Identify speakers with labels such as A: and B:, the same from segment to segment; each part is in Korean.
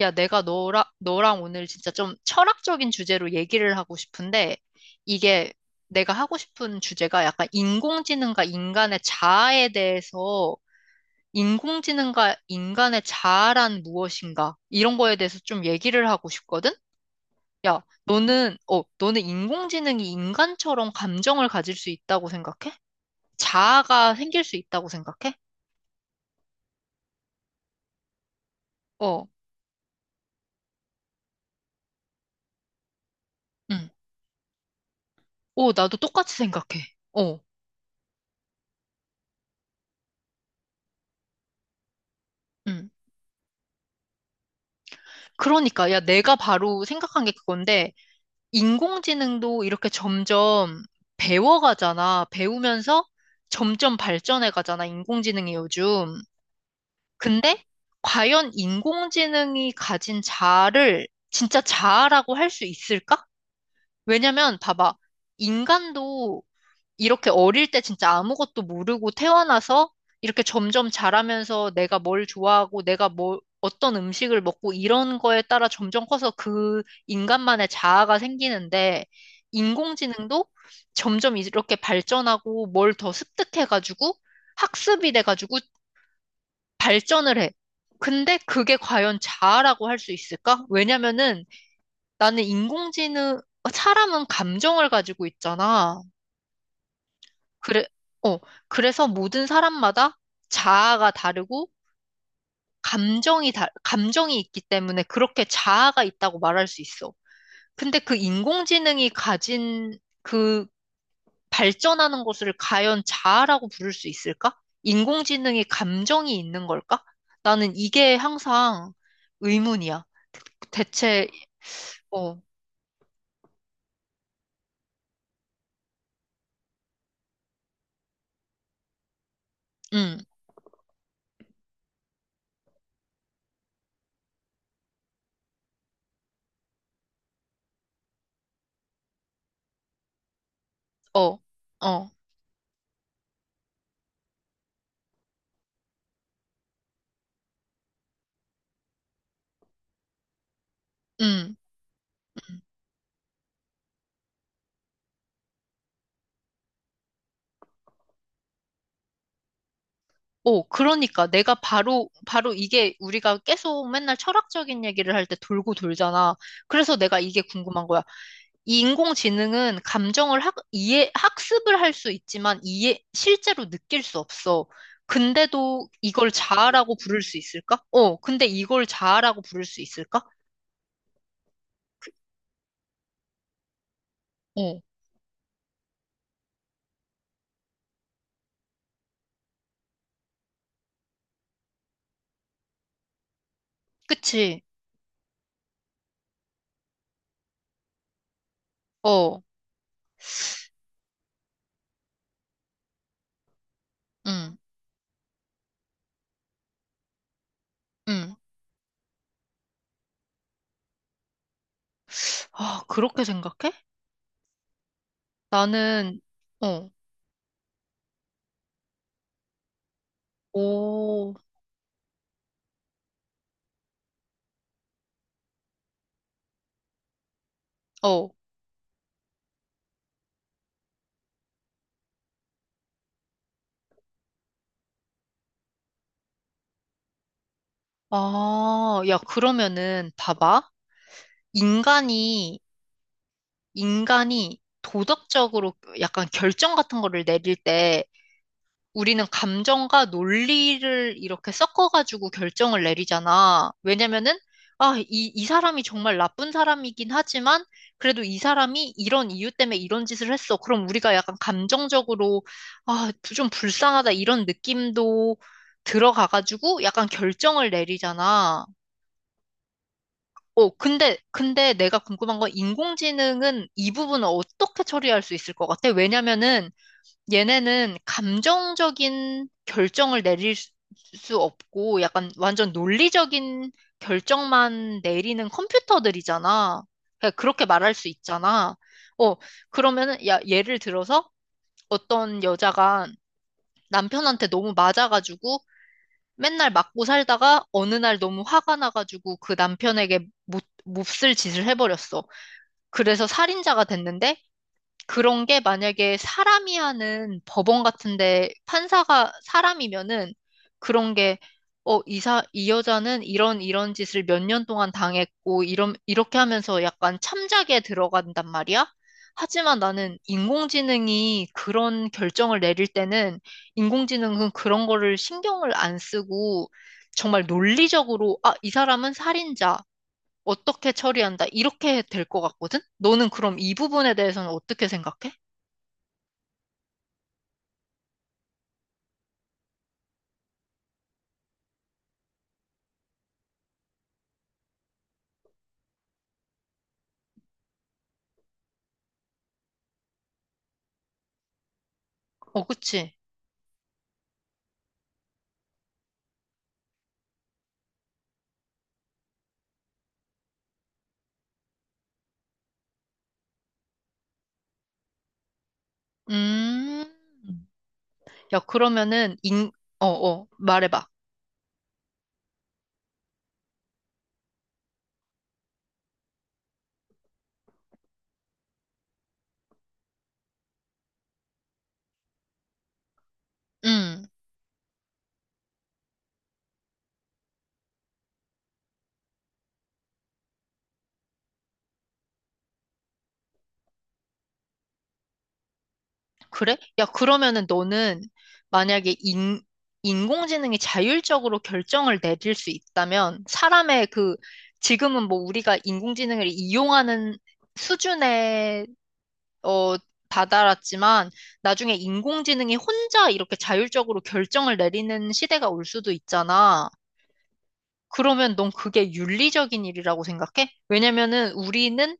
A: 야, 내가 너랑 오늘 진짜 좀 철학적인 주제로 얘기를 하고 싶은데, 이게 내가 하고 싶은 주제가 약간 인공지능과 인간의 자아에 대해서, 인공지능과 인간의 자아란 무엇인가, 이런 거에 대해서 좀 얘기를 하고 싶거든? 야, 너는 인공지능이 인간처럼 감정을 가질 수 있다고 생각해? 자아가 생길 수 있다고 생각해? 어, 응. 어, 나도 똑같이 생각해. 어, 응. 그러니까, 야, 내가 바로 생각한 게 그건데, 인공지능도 이렇게 점점 배워가잖아. 배우면서 점점 발전해가잖아, 인공지능이 요즘. 근데, 과연 인공지능이 가진 자아를 진짜 자아라고 할 수 있을까? 왜냐면, 봐봐. 인간도 이렇게 어릴 때 진짜 아무것도 모르고 태어나서 이렇게 점점 자라면서 내가 뭘 좋아하고 내가 뭘 어떤 음식을 먹고 이런 거에 따라 점점 커서 그 인간만의 자아가 생기는데 인공지능도 점점 이렇게 발전하고 뭘 더 습득해가지고 학습이 돼가지고 발전을 해. 근데 그게 과연 자아라고 할 수 있을까? 왜냐면은 나는 인공지능, 사람은 감정을 가지고 있잖아. 그래, 어, 그래서 모든 사람마다 자아가 다르고 감정이 있기 때문에 그렇게 자아가 있다고 말할 수 있어. 근데 그 인공지능이 가진 그 발전하는 것을 과연 자아라고 부를 수 있을까? 인공지능이 감정이 있는 걸까? 나는 이게 항상 의문이야. 대체, 어, 음, 어, 어, 음. 오, 그러니까 내가 바로 이게 우리가 계속 맨날 철학적인 얘기를 할 때 돌고 돌잖아. 그래서 내가 이게 궁금한 거야. 이 인공지능은 감정을 학, 이해, 학습을 할 수 있지만 이해, 실제로 느낄 수 없어. 근데도 이걸 자아라고 부를 수 있을까? 어, 근데 이걸 자아라고 부를 수 있을까? 어, 그치. 어, 응, 응. 아, 그렇게 생각해? 나는, 어, 오, 어. 아, 야, 그러면은, 봐봐. 인간이, 인간이 도덕적으로 약간 결정 같은 거를 내릴 때 우리는 감정과 논리를 이렇게 섞어가지고 결정을 내리잖아. 왜냐면은, 아, 이 사람이 정말 나쁜 사람이긴 하지만 그래도 이 사람이 이런 이유 때문에 이런 짓을 했어. 그럼 우리가 약간 감정적으로, 아, 좀 불쌍하다 이런 느낌도 들어가가지고 약간 결정을 내리잖아. 어, 근데 내가 궁금한 건 인공지능은 이 부분을 어떻게 처리할 수 있을 것 같아? 왜냐면은 얘네는 감정적인 결정을 내릴 수 없고 약간 완전 논리적인 결정만 내리는 컴퓨터들이잖아. 그냥 그렇게 말할 수 있잖아. 어, 그러면은, 야, 예를 들어서 어떤 여자가 남편한테 너무 맞아가지고 맨날 맞고 살다가 어느 날 너무 화가 나가지고 그 남편에게 못, 몹쓸 짓을 해버렸어. 그래서 살인자가 됐는데 그런 게 만약에 사람이 하는 법원 같은데 판사가 사람이면은 그런 게 어, 이 사, 이 여자는 이런 짓을 몇 년 동안 당했고 이런 이렇게 하면서 약간 참작에 들어간단 말이야. 하지만 나는 인공지능이 그런 결정을 내릴 때는 인공지능은 그런 거를 신경을 안 쓰고 정말 논리적으로 아, 이 사람은 살인자. 어떻게 처리한다. 이렇게 될 것 같거든? 너는 그럼 이 부분에 대해서는 어떻게 생각해? 어, 그치? 음. 야, 그러면은, 인, 말해봐. 음. 그래? 야, 그러면은 너는 만약에 인, 인공지능이 자율적으로 결정을 내릴 수 있다면, 사람의 그, 지금은 뭐 우리가 인공지능을 이용하는 수준에, 어, 다다랐지만, 나중에 인공지능이 혼자 이렇게 자율적으로 결정을 내리는 시대가 올 수도 있잖아. 그러면 넌 그게 윤리적인 일이라고 생각해? 왜냐면은 우리는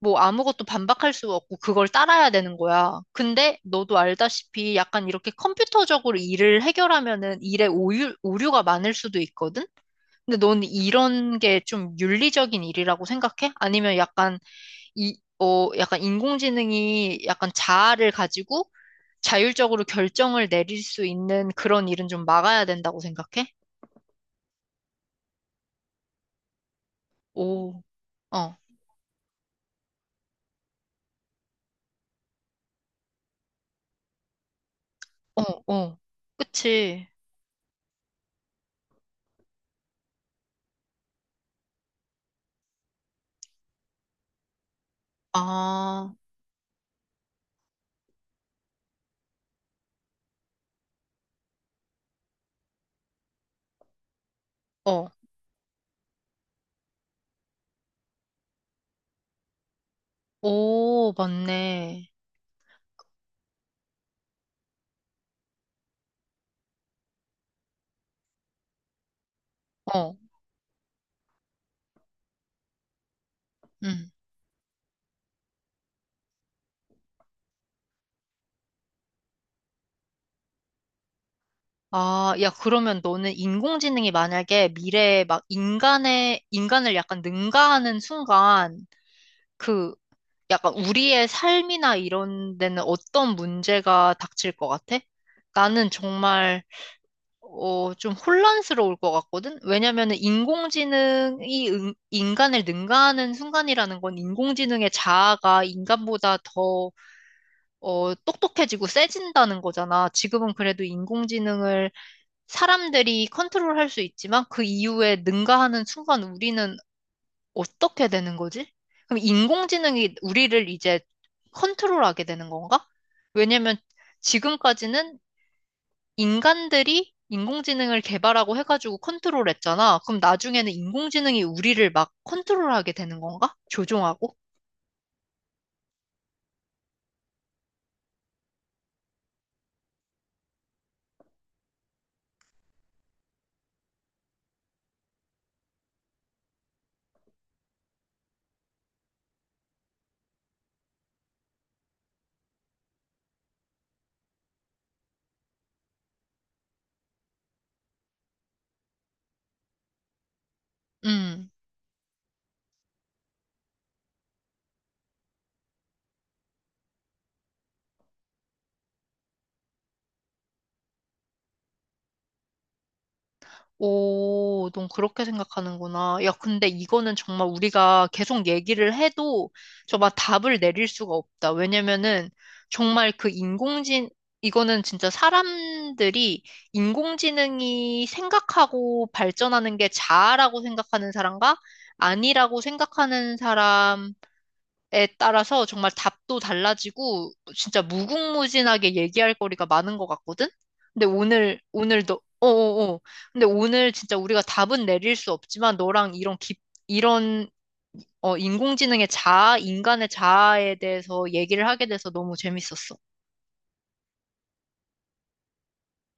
A: 뭐 아무것도 반박할 수 없고 그걸 따라야 되는 거야. 근데 너도 알다시피 약간 이렇게 컴퓨터적으로 일을 해결하면은 일에 오류가 많을 수도 있거든? 근데 넌 이런 게 좀 윤리적인 일이라고 생각해? 아니면 약간 이, 어, 약간 인공지능이 약간 자아를 가지고 자율적으로 결정을 내릴 수 있는 그런 일은 좀 막아야 된다고 생각해? 오, 어. 어, 어. 그치. 아, 어. 오, 맞네. 어, 음. 아, 야, 그러면 너는 인공지능이 만약에 미래에 막 인간의, 인간을 약간 능가하는 순간, 그, 약간 우리의 삶이나 이런 데는 어떤 문제가 닥칠 것 같아? 나는 정말 어, 좀 혼란스러울 것 같거든? 왜냐면은 인공지능이 응- 인간을 능가하는 순간이라는 건 인공지능의 자아가 인간보다 더, 어, 똑똑해지고 세진다는 거잖아. 지금은 그래도 인공지능을 사람들이 컨트롤할 수 있지만 그 이후에 능가하는 순간 우리는 어떻게 되는 거지? 그럼 인공지능이 우리를 이제 컨트롤하게 되는 건가? 왜냐면 지금까지는 인간들이 인공지능을 개발하고 해가지고 컨트롤했잖아. 그럼 나중에는 인공지능이 우리를 막 컨트롤하게 되는 건가? 조종하고? 음. 오, 넌 그렇게 생각하는구나. 야, 근데 이거는 정말 우리가 계속 얘기를 해도 정말 답을 내릴 수가 없다. 왜냐면은 정말 그 인공지능, 이거는 진짜 사람들이 인공지능이 생각하고 발전하는 게 자아라고 생각하는 사람과 아니라고 생각하는 사람 에 따라서 정말 답도 달라지고 진짜 무궁무진하게 얘기할 거리가 많은 것 같거든? 근데 오늘 오늘 너 어어어 근데 오늘 진짜 우리가 답은 내릴 수 없지만 너랑 이런 깊 이런 어 인공지능의 자아, 인간의 자아에 대해서 얘기를 하게 돼서 너무 재밌었어.